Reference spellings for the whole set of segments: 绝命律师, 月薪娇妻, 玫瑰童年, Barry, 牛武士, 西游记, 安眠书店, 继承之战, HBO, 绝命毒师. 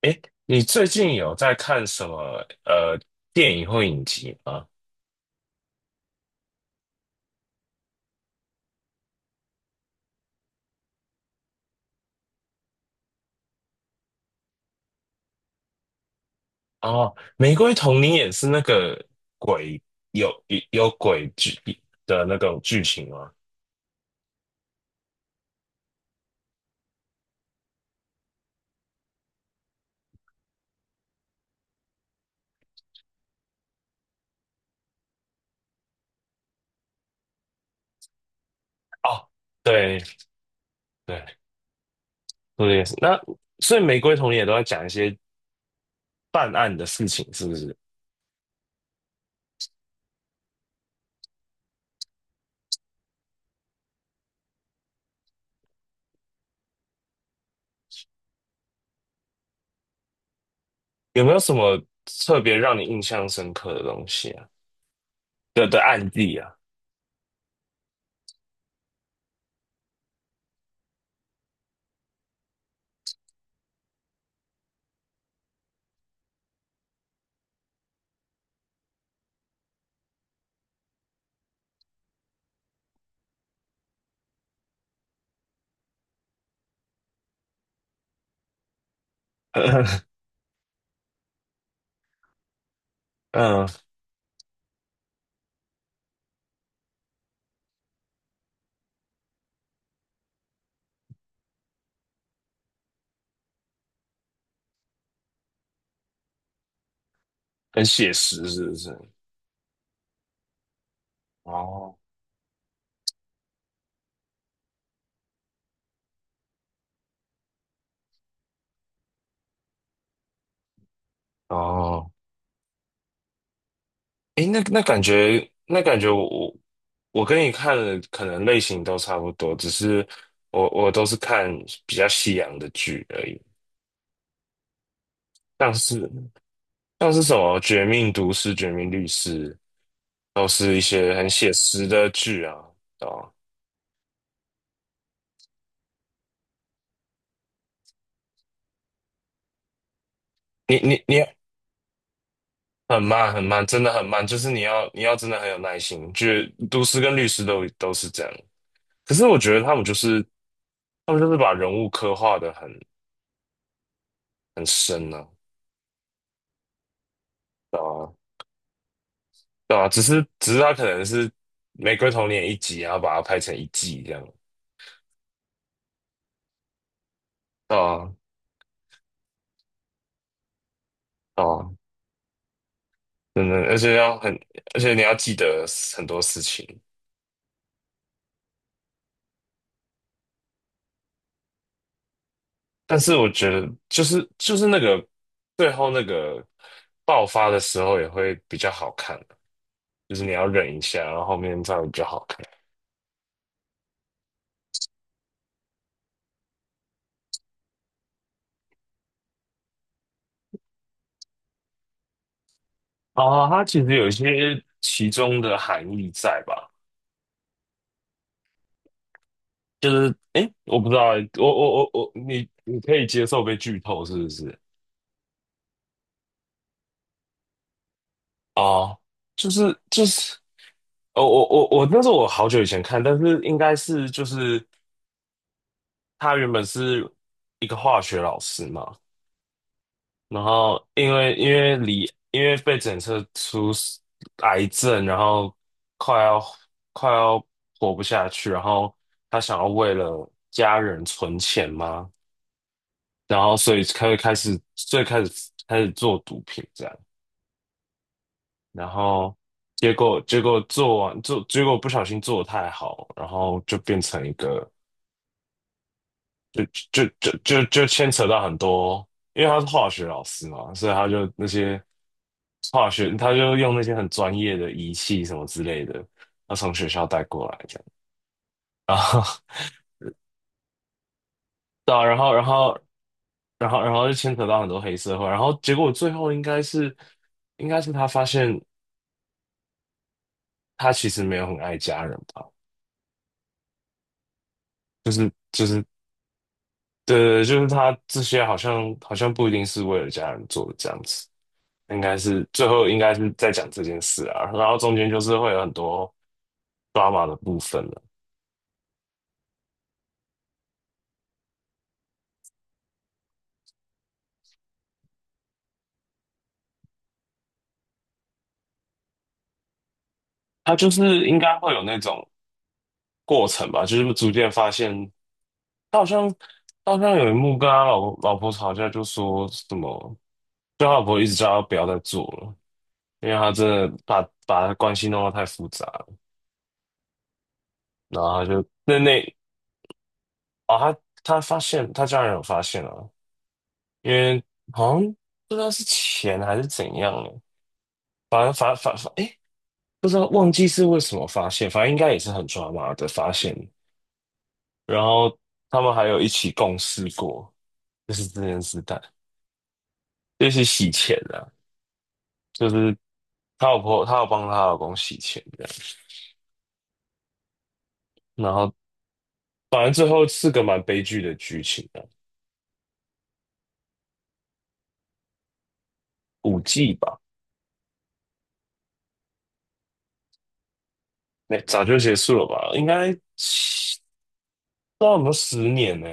哎，你最近有在看什么呃电影或影集吗？哦，《玫瑰童你也是那个鬼有有鬼剧的那种剧情吗？哦，对对，我也是。那所以《玫瑰童林》也都在讲一些办案的事情，是不是？有没有什么特别让你印象深刻的东西啊？的案例啊？嗯，很写实，是不是？哦哦，诶，那感觉我，我跟你看的可能类型都差不多，只是我都是看比较西洋的剧而已，像是像是什么《绝命毒师》《绝命律师》，都是一些很写实的剧啊。哦，你你你很慢很慢，真的很慢，就是你要真的很有耐心。就是毒师跟律师都是这样，可是我觉得他们就是把人物刻画的很深呢、啊。对啊对啊，只是他可能是《玫瑰童年》一集，然后把它拍成一季这样。对啊，对啊，真的，而且要很，而且你要记得很多事情。但是我觉得，就是那个最后那个爆发的时候也会比较好看，就是你要忍一下，然后后面再比较好看。哦，它其实有一些其中的含义在吧？就是，诶，我不知道欸我我我我，你可以接受被剧透是不是？哦，就是，哦，我那是我好久以前看，但是应该是就是他原本是一个化学老师嘛，然后因为被检测出癌症，然后快要快要活不下去，然后他想要为了家人存钱嘛，然后所以开开始最开始开始做毒品这样。然后结果不小心做的太好，然后就变成一个就就牵扯到很多，因为他是化学老师嘛，所以他就那些化学他就用那些很专业的仪器什么之类的，他从学校带过来这样，然后 对啊然后就牵扯到很多黑社会，然后结果最后应该是他发现他其实没有很爱家人吧。就就是。对，对就是他这些好像不一定是为了家人做的这样子，应该是最后应该是在讲这件事啊，然后中间就是会有很多 drama 的部分了。他就是应该会有那种过程吧，就是逐渐发现他好像他好像有一幕跟他老婆吵架，就说什么，就他老婆一直叫他不要再做了，因为他真的把他关系弄得太复杂了然后他就哦，他他发现他家人有发现了。因为好像不知道是钱还是怎样了，反正发发发，哎，不知道忘记是为什么发现，反正应该也是很抓马的发现。然后他们还有一起共事过，就是这件事但就是洗钱的，就是她老婆，她有帮她老公洗钱的。然后反正最后是个蛮悲剧的剧情啊，5季吧，那早就结束了吧？应该七不知道有没有10年呢、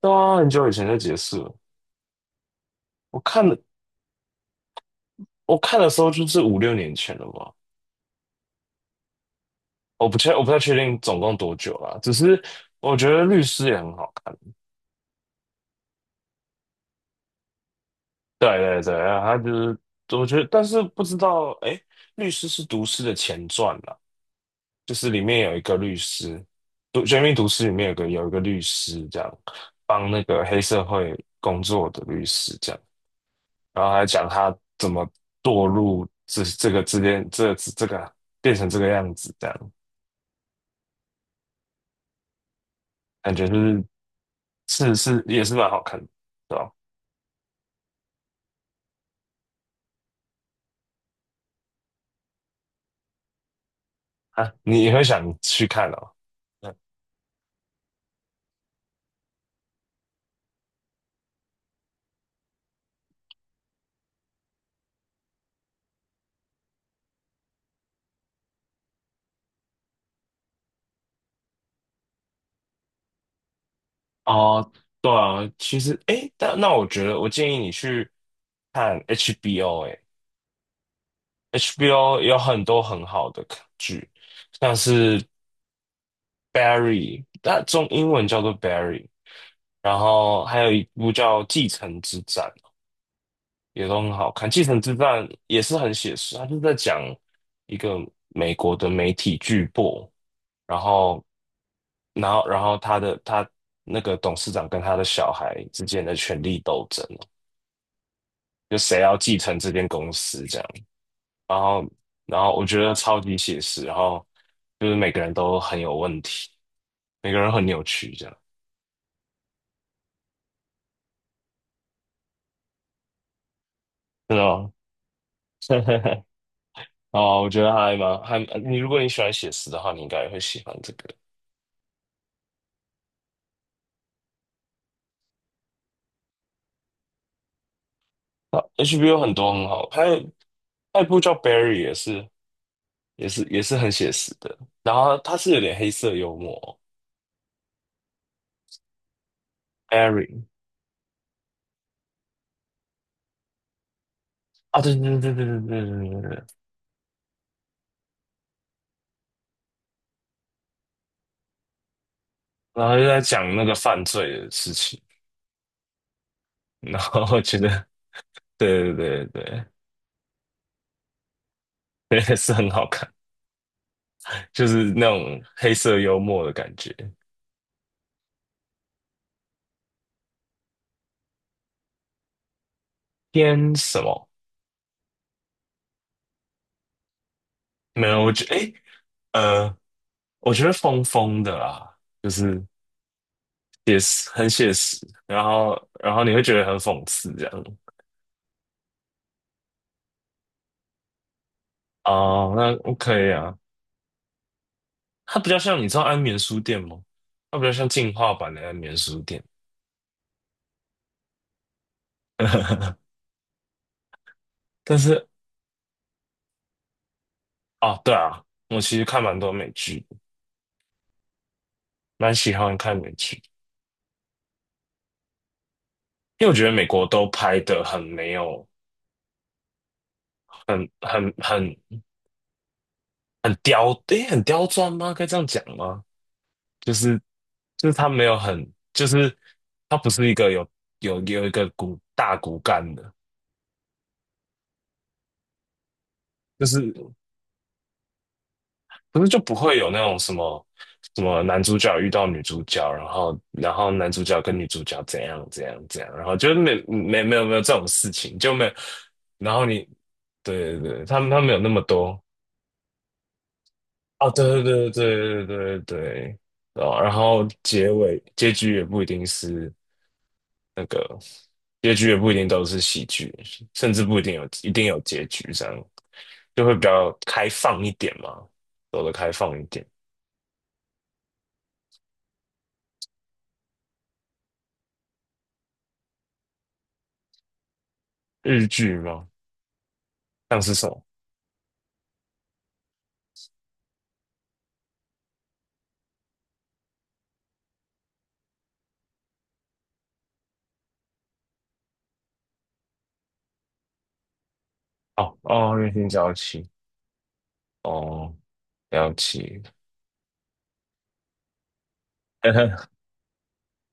对啊，很久以前就结束了。我看了。我看的时候就是5、6年前了吧，我不太确定总共多久啦，只是我觉得律师也很好看，对对对，他就是我觉得，但是不知道哎，律师是毒师的前传啦，就是里面有一个律师，绝命毒师里面有一个律师这样帮那个黑社会工作的律师这样，然后还讲他怎么堕入这个之间这个变成这个样子这样。感觉就是是也是蛮好看的，对吧？啊，你也会想去看哦。嗯哦，对啊，其实诶，但那我觉得我建议你去看 HBO，诶，HBO 有很多很好的剧，像是 Barry，那中英文叫做 Barry，然后还有一部叫《继承之战》，也都很好看。《继承之战》也是很写实，它就是在讲一个美国的媒体巨擘，然后然后他那个董事长跟他的小孩之间的权力斗争哦，就谁要继承这间公司这样，然后然后我觉得超级写实，然后就是每个人都很有问题，每个人很扭曲这样，真的吗？哦，我觉得还蛮还你如果你喜欢写实的话，你应该也会喜欢这个。啊 HBO 很多很好，还有一部叫《Barry》也是很写实的，然后它是有点黑色幽默，《Barry》啊，对对对对对对对对对，然后就在讲那个犯罪的事情，然后我觉得，对对对对对，也是很好看，就是那种黑色幽默的感觉。偏什么？没有，我觉得，诶，呃，我觉得疯疯的啦，就是也是很写实，然后你会觉得很讽刺这样。哦，那 OK 啊，它比较像，你知道安眠书店吗？它比较像进化版的安眠书店。但是哦，对啊，我其实看蛮多美剧的，蛮喜欢看美剧，因为我觉得美国都拍的很没有，很很刁，诶，很刁钻吗？该这样讲吗？就是就是他没有很，就是他不是一个有有一个骨大骨干的，就是可是就不会有那种什么什么男主角遇到女主角，然后男主角跟女主角怎样怎样怎样，然后就是没有这种事情，就没有。然后你对对对，他们他们有那么多哦，对对对对对对对，哦，然后结尾结局也不一定是那个结局也不一定都是喜剧，甚至不一定有一定有结局，这样就会比较开放一点嘛，走的开放一点。日剧吗？像是什么？哦哦，月薪娇妻，哦，了解。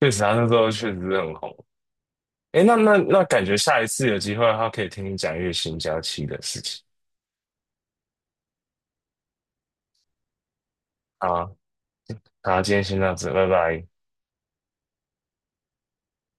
确实啊，他那时候确实是很红。诶，那那那，感觉下一次有机会的话，可以听你讲月薪娇妻的事情。好啊，好，今天先到这，拜拜。